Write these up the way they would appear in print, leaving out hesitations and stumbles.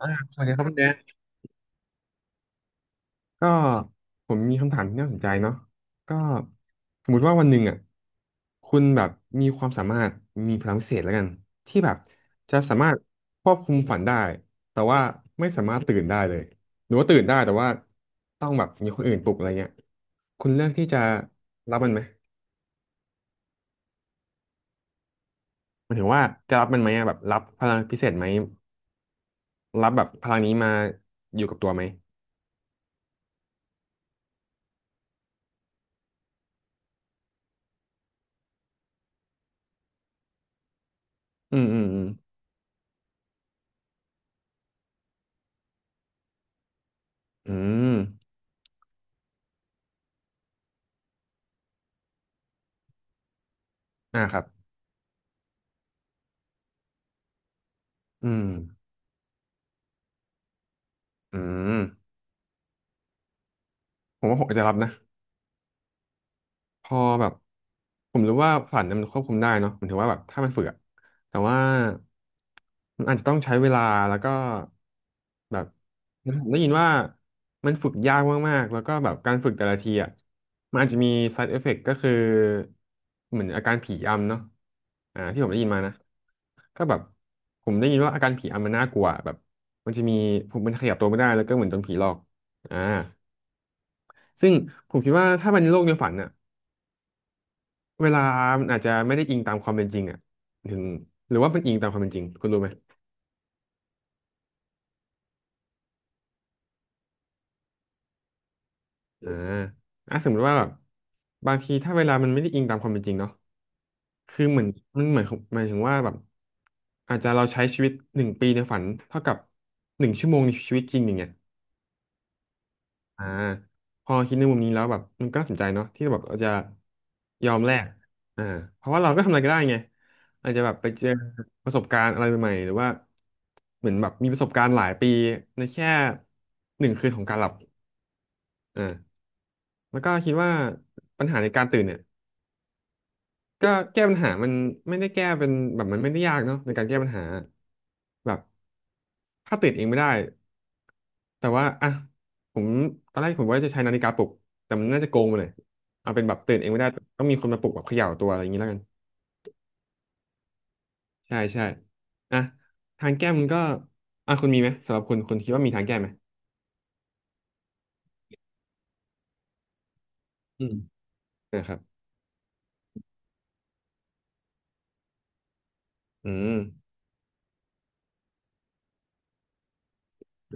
อ่าสวัสดีครับคุณแดนก็ผมมีคำถามที่น่าสนใจเนาะก็สมมุติว่าวันหนึ่งอ่ะคุณแบบมีความสามารถมีพลังพิเศษแล้วกันที่แบบจะสามารถควบคุมฝันได้แต่ว่าไม่สามารถตื่นได้เลยหรือว่าตื่นได้แต่ว่าต้องแบบมีคนอื่นปลุกอะไรเงี้ยคุณเลือกที่จะรับมันไหมหมันถึงว่าจะรับมันไหมอะแบบรับพลังพิเศษไหมรับแบบพลังนี้มาอยู่กับตัวไหมอืมอืมอืมอืมอ่าครับอืมอืม ผมว่าผมอาจจะรับนะพอแบบผมรู้ว่าฝันเนี่ยมันควบคุมได้เนาะผมถือว่าแบบถ้ามันฝึกอะแต่ว่ามันอาจจะต้องใช้เวลาแล้วก็แบบผมได้ยินว่ามันฝึกยากมากๆแล้วก็แบบการฝึกแต่ละทีอะมันอาจจะมี side effect ก็คือเหมือนอาการผีอำเนาะอ่าที่ผมได้ยินมานะก็แบบผมได้ยินว่าอาการผีอำมันน่ากลัวแบบมันจะมีผมมันขยับตัวไม่ได้แล้วก็เหมือนโดนผีหลอกอ่าซึ่งผมคิดว่าถ้ามันโลกในฝันอ่ะ เวลามันอาจจะไม่ได้อิงตามความเป็นจริงอ่ะถึงหรือว่ามันอิงตามความเป็นจริง คุณรู้ไหมอ่าอ่ะสมมติว่าแบบบางทีถ้าเวลามันไม่ได้อิงตามความเป็นจริงเนาะคือเหมือนมันเหมือนหมายถึงว่าแบบอาจจะเราใช้ชีวิตหนึ่งปีในฝันเท่ากับหนึ่งชั่วโมงในชีวิตจริงอย่างเงี้ย อ่าพอคิดในมุมนี้แล้วแบบมันก็น่าสนใจเนาะที่แบบเราจะยอมแลกอ่าเพราะว่าเราก็ทำอะไรก็ได้ไงอาจจะแบบไปเจอประสบการณ์อะไรใหม่ๆหรือว่าเหมือนแบบมีประสบการณ์หลายปีในแค่หนึ่งคืนของการหลับอ่าแล้วก็คิดว่าปัญหาในการตื่นเนี่ย ก็แก้ปัญหามันไม่ได้แก้เป็นแบบมันไม่ได้ยากเนาะในการแก้ปัญหาแบบถ้าติดเองไม่ได้แต่ว่าอ่ะผมตอนแรกผมว่าจะใช้นาฬิกาปลุกแต่มันน่าจะโกงไปเลยเอาเป็นแบบตื่นเองไม่ได้ต้องมีคนมาปลุกแบบเขย่าตัวอะไรอย่างนี้แล้วกันใช่ใช่อ่ะทางแก้มันก็อ่ะคุณมีไหมสำหรับคุณคิดว่ามีทางแก้ไหมอืมนะครับอืม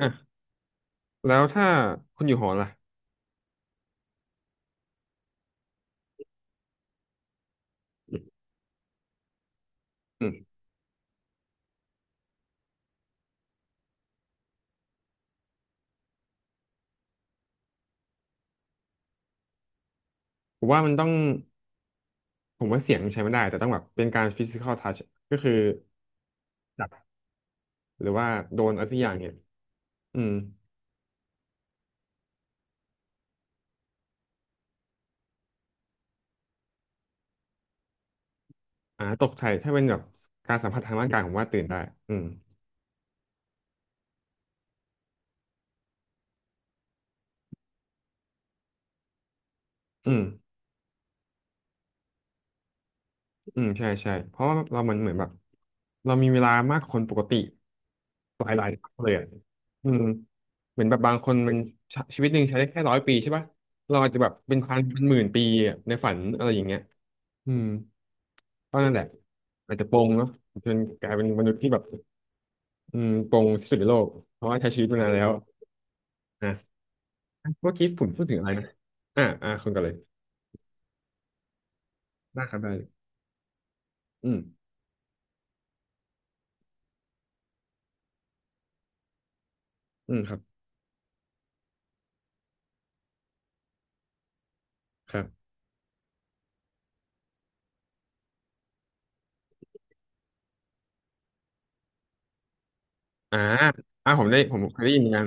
อ่ะแล้วถ้าคุณอยู่หอล่ะอืมผมว่ามันต้อง ผมว่าเสียงใช้ไม่ได้แต่ต้องแบบเป็นการ physical touch ก็คือจับหรือว่าโดนอะไรสักอย่างเนี่ยอืมอ่าตกใจถ้าเป็นแบบการสัมผัสทางร่างกายผมว่าตื่นได้อืมอืมอืมใช่ใช่เพราะว่าเรามันเหมือนแบบเรามีเวลามากกว่าคนปกติหลายหลายเลยอะอืมเหมือนแบบบางคนมันชชีวิตหนึ่งใช้ได้แค่100 ปีใช่ป่ะเราอาจจะแบบเป็นพันเป็นหมื่นปีอะในฝันอะไรอย่างเงี้ยอืมก็นั่นแหละอาจจะโปงเนาะจนกลายเป็นมนุษย์ที่แบบ อืมปงที่สุดในโลกเพราะว่าใช้ชีวิตมานานแล้วนะเมื่อกี้ผมพูดถึงอะไรนะอ่าคุณก่อนเลยได้ครับได้เลยอืมอืมครับครับอ่าอ่าผมเคยได้ยินเหมือนกัน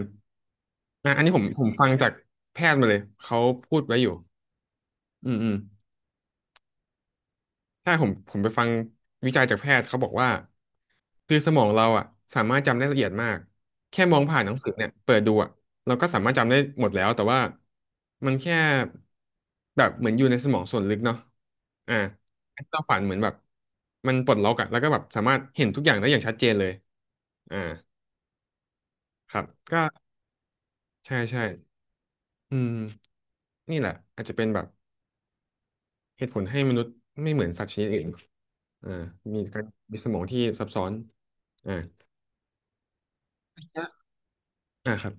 อ่าอันนี้ผมฟังจากแพทย์มาเลยเขาพูดไว้อยู่อืมอืม ใช่ผมไปฟังวิจัยจากแพทย์เขาบอกว่าคือสมองเราอ่ะสามารถจำได้ละเอียดมากแค่มองผ่านหนังสือเนี่ยเปิดดูอ่ะเราก็สามารถจำได้หมดแล้วแต่ว่ามันแค่แบบเหมือนอยู่ในสมองส่วนลึกเนาะอ่าที่เราฝันเหมือนแบบมันปลดล็อกอ่ะแล้วก็แบบสามารถเห็นทุกอย่างได้อย่างชัดเจนเลยอ่าครับก็ใช่ใช่อืมนี่แหละอาจจะเป็นแบบ เหตุผลให้มนุษย์ไม่เหมือนสัตว์ชนิดอื่นอ่ามีการมีสมองที่ซับซ้อนอ่าอ่าครับ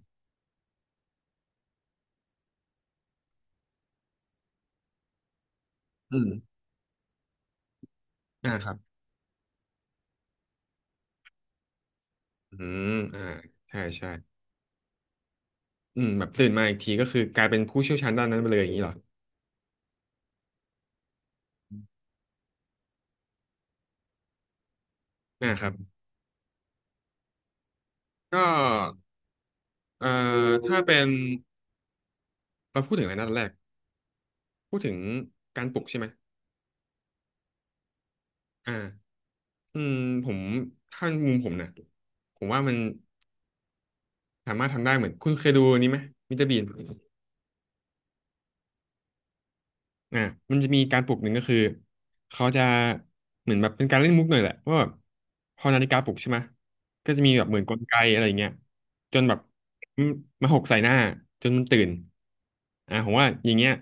อืมอ่าครับอืมอ่าใช่ใช่อืมแบบตื่นมาอีกทีก็คือกลายเป็นผู้เชี่ยวชาญด้านนั้นไปเลยอย่างนี้เหรออ่าครับก็เอ่อถ้าเป็นเราพูดถึงอะไรนันแรก พูดถึงการปลุกใช่ไหมอ่าอืมผมถ้ามุมผมนะผมว่ามันสามารถทำได้เหมือนคุณเคยดูอันนี้ไหม มิสเตอร์บีน อ่ามันจะมีการปลุกหนึ่งก็คือเขาจะเหมือนแบบเป็นการเล่นมุกหน่อยแหละว่าแบบพอนาฬิกาปลุกใช่ไหมก็จะมีแบบเหมือนกลไกอะไรอย่างเงี้ยจนแบบมาหกใส่หน้าจนมันตื่นผมว่าอย่างเงี้ย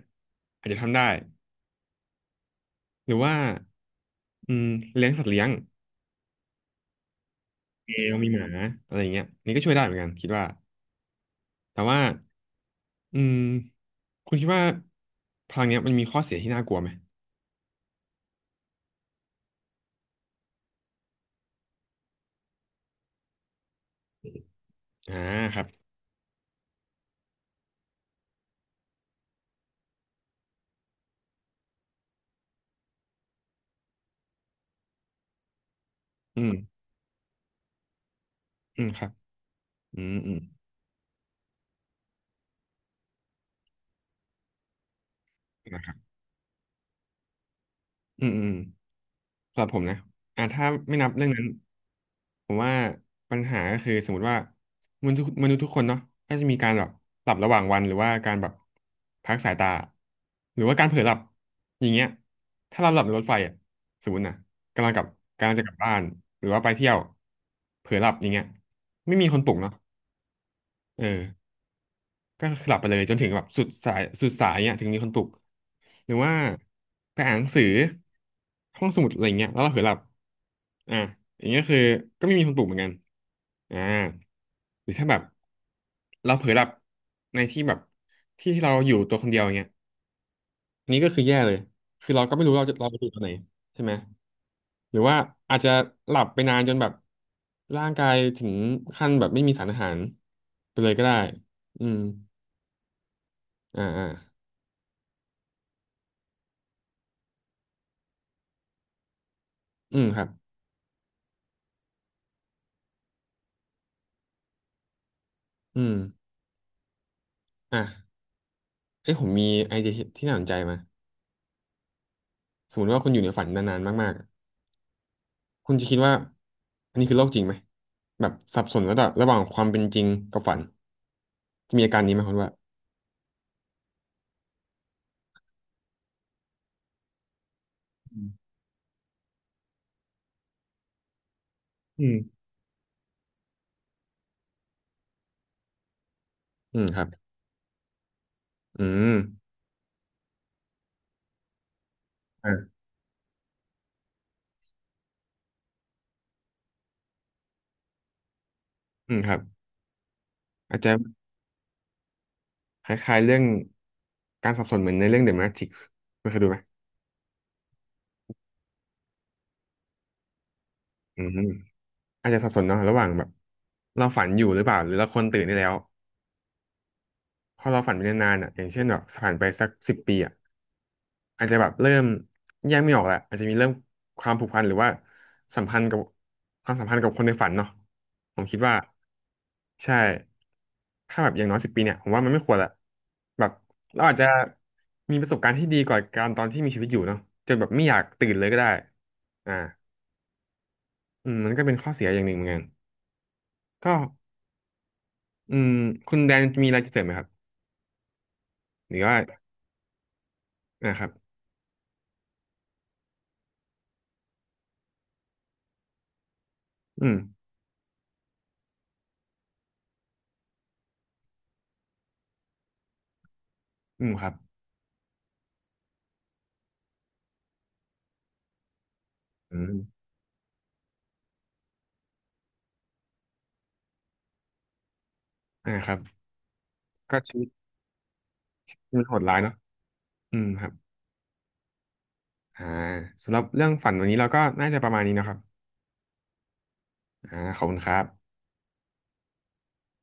อาจจะทำได้หรือว่าอืมเลี้ยงสัตว์เลี้ยงแมวมีหมาอะไรอย่างเงี้ยนี่ก็ช่วยได้เหมือนกันคิดว่าแต่ว่าอืมคุณคิดว่าพลังเนี้ยมันมีข้อเสียที่น่ากลัวไหมอ่าครับอืมอืมครับอืมอืมนะครับ อืมอืมสำหรับผมนะถ้าไม่นับเรื่องนั้นผมว่าปัญหาก็คือสมมติว่ามนุษย์ทุกคนเนาะก็จะมีการแบบหลับระหว่างวันหรือว่าการแบบพักสายตาหรือว่าการเผลอหลับอย่างเงี้ยถ้าเราหลับในรถไฟอ่ะสมมตินะกำลังกลับกำลังจะกลับบ้านหรือว่าไปเที่ยวเผลอหลับอย่างเงี้ยไม่มีคนปลุกเนาะเออ ก็หลับไปเลยจนถึงแบบสุดสายเนี่ยถึงมีคนปลุกหรือว่าไปอ่านหนังสือห้องสมุดอะไรเงี้ยแล้วเราเผลอหลับอ่าอย่างเงี้ยคือก็ไม่มีคนปลุกเหมือนกันอ่าหรือถ้าแบบเราเผลอหลับในที่แบบที่ที่เราอยู่ตัวคนเดียวอย่างเงี้ยอันนี้ก็คือแย่เลยคือเราก็ไม่รู้เราไปอยู่ตอนไหนใช่ไหมหรือว่าอาจจะหลับไปนานจนแบบร่างกายถึงขั้นแบบไม่มีสารอาหารไปเลยก็ได้อืมอ่า อืมครับอืมอ่ะเอ้ยผมมีไอเดียที่น่าสนใจมาสมมติว่าคุณอยู่ในฝันนานๆมากๆอะคุณจะคิดว่าอันนี้คือโลกจริงไหมแบบสับสนระหว่างความเป็นจริงกับฝันจะมีอาการนี้ไหมคุณว่าอืมอืมอืมครับอืมอ่าอืมครับอาจจะคล้ายๆเรื่องการสับสนเหมือนในเรื่อง The Matrix ไม่เคยดูไหมอืมอาจจะสับสนเนาะระหว่างแบบเราฝันอยู่หรือเปล่าหรือเราคนตื่นได้แล้ว พอเราฝันไปนานๆอ่ะอย่างเช่นแบบผ่านไปสักสิบปีอ่ะอาจจะแบบเริ่มแยกไม่ออกแหละอาจจะมีเริ่มความผูกพันหรือว่าสัมพันธ์กับความสัมพันธ์กับคนในฝันเนาะผมคิดว่าใช่ถ้าแบบอย่างน้อยสิบปีเนี่ยผมว่ามันไม่ควรละแบบเราอาจจะมีประสบการณ์ที่ดีกว่าการตอนที่มีชีวิตอยู่เนาะจนแบบไม่อยากตื่นเลยก็ได้อ่าอืมมันก็เป็นข้อเสียอย่างหนึ่งเหมือนกันก็อืมคุณแดนมีอะไรจะเสริมไหมครับหรือว่านะครับอืมอืมครับ อืมครับก็ชีวิตมันโหดร้ายเนาะอืมครับอ่าสำหรับเรื่องฝันวันนี้เราก็น่าจะประมาณนี้เนอะครับขอบคุณครับ